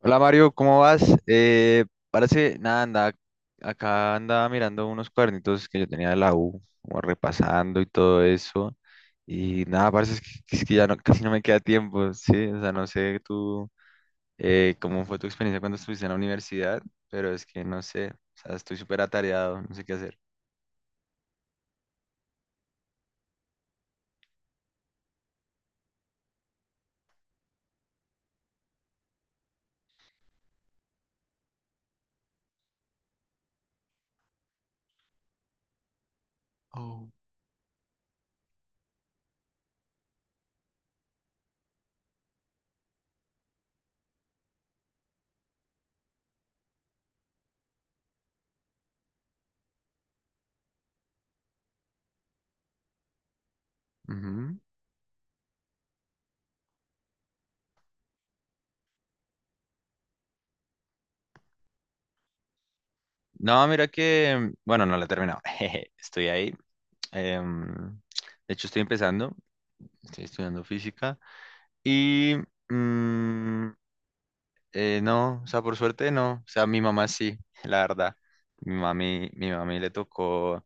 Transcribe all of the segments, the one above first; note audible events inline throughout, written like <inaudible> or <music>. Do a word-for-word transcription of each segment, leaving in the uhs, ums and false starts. Hola Mario, ¿cómo vas? Eh, parece, nada, anda, acá andaba mirando unos cuadernitos que yo tenía de la U, como repasando y todo eso. Y nada, parece es que, es que ya no, casi no me queda tiempo, sí. O sea, no sé tú eh, cómo fue tu experiencia cuando estuviste en la universidad, pero es que no sé, o sea, estoy súper atareado, no sé qué hacer. Oh. Ujú. No, mira que, bueno, no la he terminado. <laughs> Jeje, estoy ahí. em, de hecho, estoy empezando, estoy estudiando física. Y mm, eh, no, o sea, por suerte no. O sea, mi mamá sí, <laughs> la verdad. Mi mami, mi mami le tocó,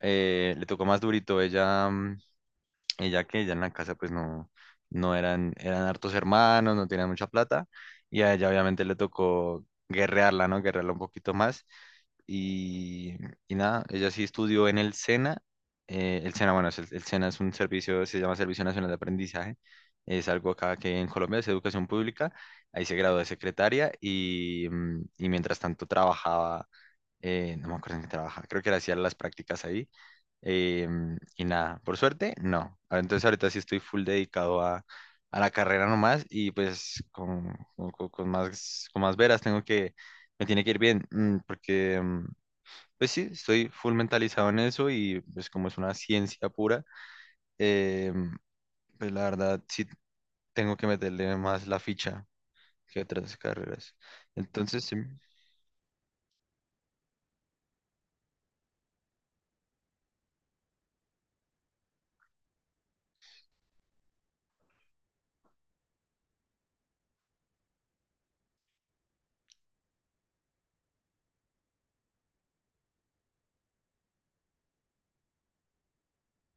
eh, le tocó más durito. Ella, mm, y ya que ella en la casa pues no, no eran, eran hartos hermanos, no tenían mucha plata, y a ella obviamente le tocó guerrearla, ¿no? Guerrearla un poquito más. Y, y nada, ella sí estudió en el SENA. Eh, el SENA, bueno, es el, el SENA es un servicio, se llama Servicio Nacional de Aprendizaje. Es algo acá que en Colombia es educación pública. Ahí se graduó de secretaria y, mm, y mientras tanto trabajaba, eh, no me acuerdo en qué trabajaba, creo que era hacía las prácticas ahí. Em, y nada, por suerte, no. Ah, entonces ahorita sí estoy full dedicado a, a la carrera nomás y pues con, con, con- con más, con más veras tengo que, me tiene que ir bien, mm, porque mm, pues sí, estoy full mentalizado en eso y pues como es una ciencia pura, em, pues la verdad sí tengo que meterle más la ficha que otras carreras. Entonces, sí,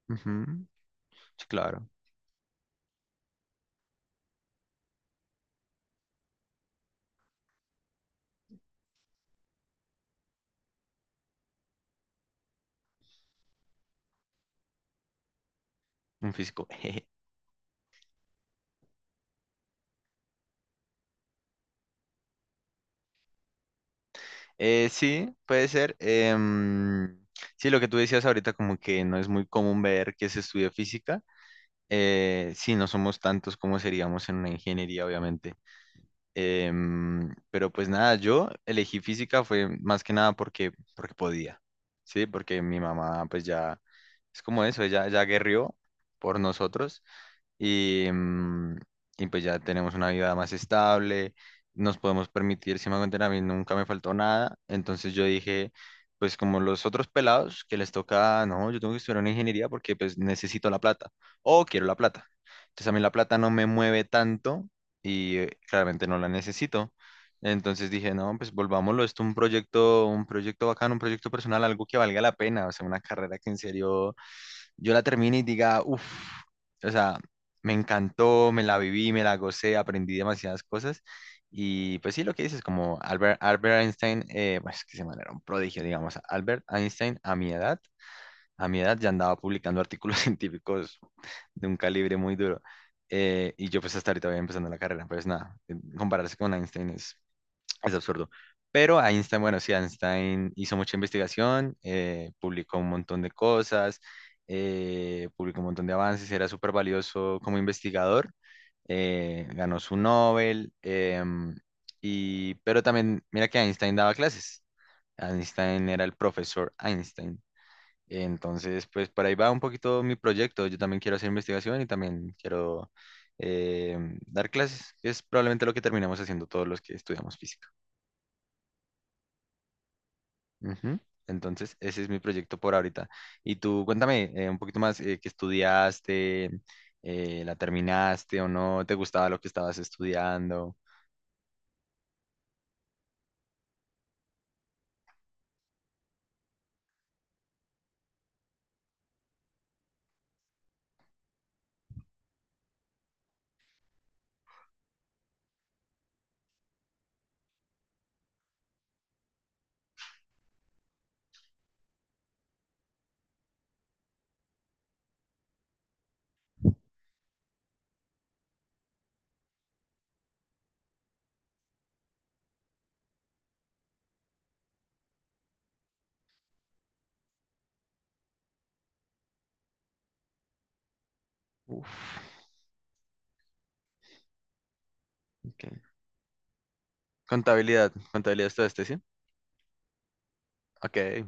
ujú, sí, claro, un físico. <laughs> Eh, sí, puede ser. Em, sí, lo que tú decías ahorita, como que no es muy común ver que se estudia física. Eh, sí, no somos tantos como seríamos en una ingeniería, obviamente. Em, pero pues nada, yo elegí física fue más que nada porque, porque podía, ¿sí? Porque mi mamá pues ya es como eso, ella ya guerrió por nosotros y, mm, y pues ya tenemos una vida más estable, nos podemos permitir, si me hago entender, a mí nunca me faltó nada, entonces yo dije, pues como los otros pelados que les toca, no, yo tengo que estudiar una ingeniería porque pues necesito la plata o quiero la plata. Entonces a mí la plata no me mueve tanto y eh, claramente no la necesito. Entonces dije, no, pues volvámoslo, esto un proyecto, un proyecto bacano, un proyecto personal, algo que valga la pena, o sea, una carrera que en serio yo la termine y diga, uff, o sea, me encantó, me la viví, me la gocé, aprendí demasiadas cosas. Y pues sí, lo que dices, como Albert, Albert Einstein, eh, pues que se manera un prodigio, digamos. Albert Einstein, a mi edad, a mi edad ya andaba publicando artículos <laughs> científicos de un calibre muy duro. Eh, y yo pues hasta ahorita voy empezando la carrera, pues nada, eh, compararse con Einstein es es absurdo. Pero Einstein, bueno, sí, Einstein hizo mucha investigación, eh, publicó un montón de cosas, eh, publicó un montón de avances, era súper valioso como investigador, eh, ganó su Nobel, em, y, pero también, mira que Einstein daba clases. Einstein era el profesor Einstein. Entonces, pues por ahí va un poquito mi proyecto. Yo también quiero hacer investigación y también quiero em, dar clases, que es probablemente lo que terminamos haciendo todos los que estudiamos física. Ujú. Entonces, ese es mi proyecto por ahorita. Y tú, cuéntame eh, un poquito más, eh, ¿qué estudiaste? Eh, ¿la terminaste o no? ¿Te gustaba lo que estabas estudiando? Uf, ok. Contabilidad, contabilidad estudiaste, ¿sí? Ok,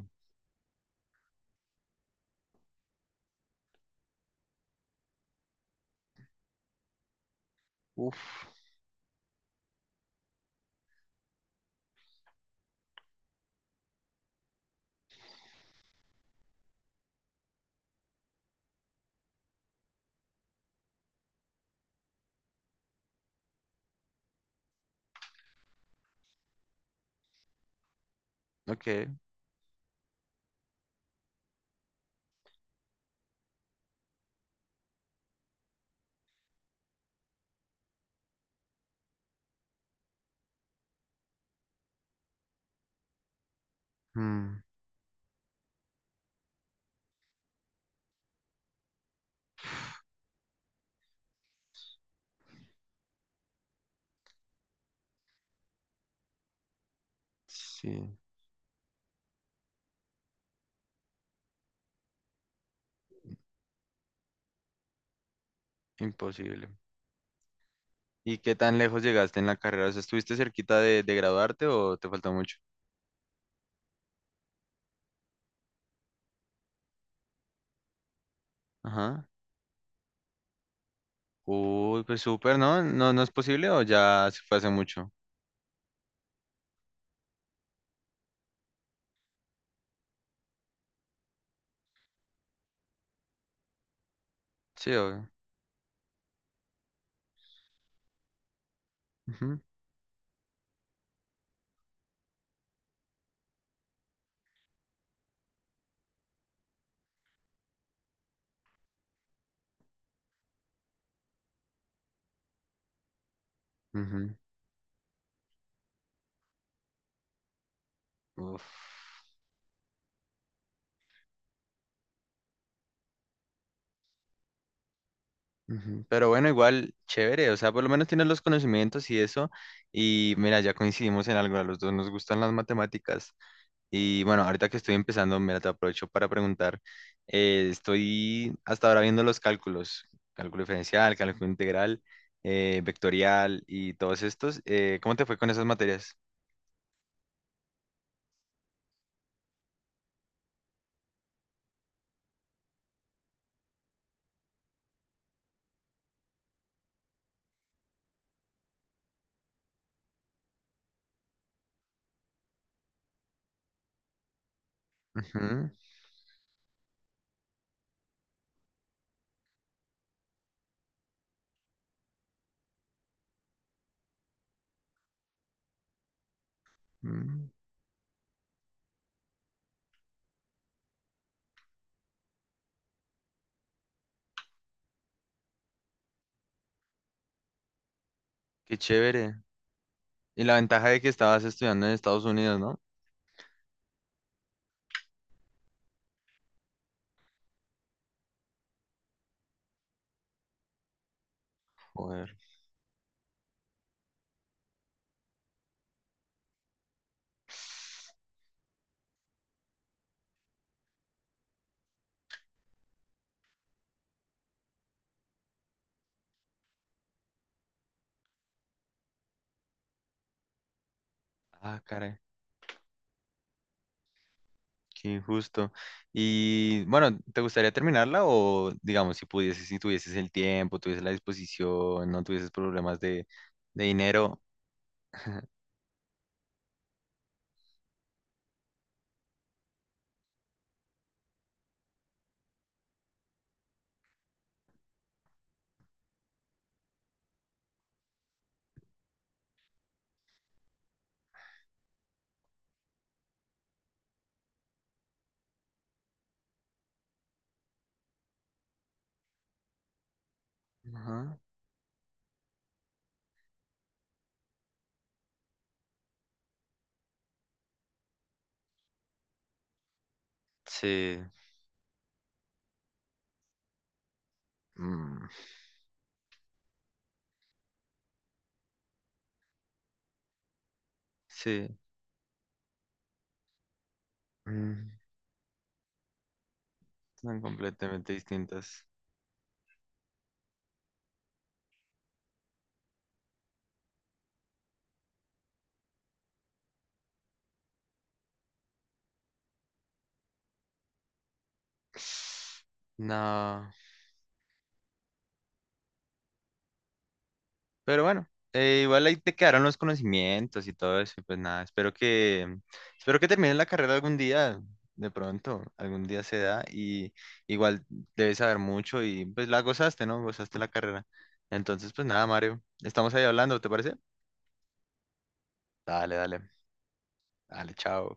uf, ok. Mm, sí, imposible. ¿Y qué tan lejos llegaste en la carrera? O sea, ¿estuviste cerquita de, de graduarte o te faltó mucho? Ajá. Uy, pues súper, ¿no? ¿No, no es posible o ya se fue hace mucho? Sí, obvio. Ujú, ujú. Uf. Ujú. Pero bueno, igual, chévere, o sea, por lo menos tienes los conocimientos y eso, y mira, ya coincidimos en algo, a los dos nos gustan las matemáticas, y bueno, ahorita que estoy empezando, mira, te aprovecho para preguntar, eh, estoy hasta ahora viendo los cálculos, cálculo diferencial, cálculo integral, eh, vectorial y todos estos, eh, ¿cómo te fue con esas materias? Ujú, mm, qué chévere, y la ventaja de que estabas estudiando en Estados Unidos, ¿no? Joder, ah, caray. Qué injusto. Y bueno, ¿te gustaría terminarla o digamos si pudieses, si tuvieses el tiempo, tuvieses la disposición, no tuvieses problemas de, de dinero? Ajá. Sí, mm, sí, mm, son completamente distintas. No. Pero bueno, eh, igual ahí te quedaron los conocimientos y todo eso, y pues nada, espero que, espero que termines la carrera algún día, de pronto, algún día se da, y igual debes saber mucho y pues la gozaste, ¿no? Gozaste la carrera. Entonces, pues nada, Mario, estamos ahí hablando, ¿te parece? Dale, dale, dale, chao.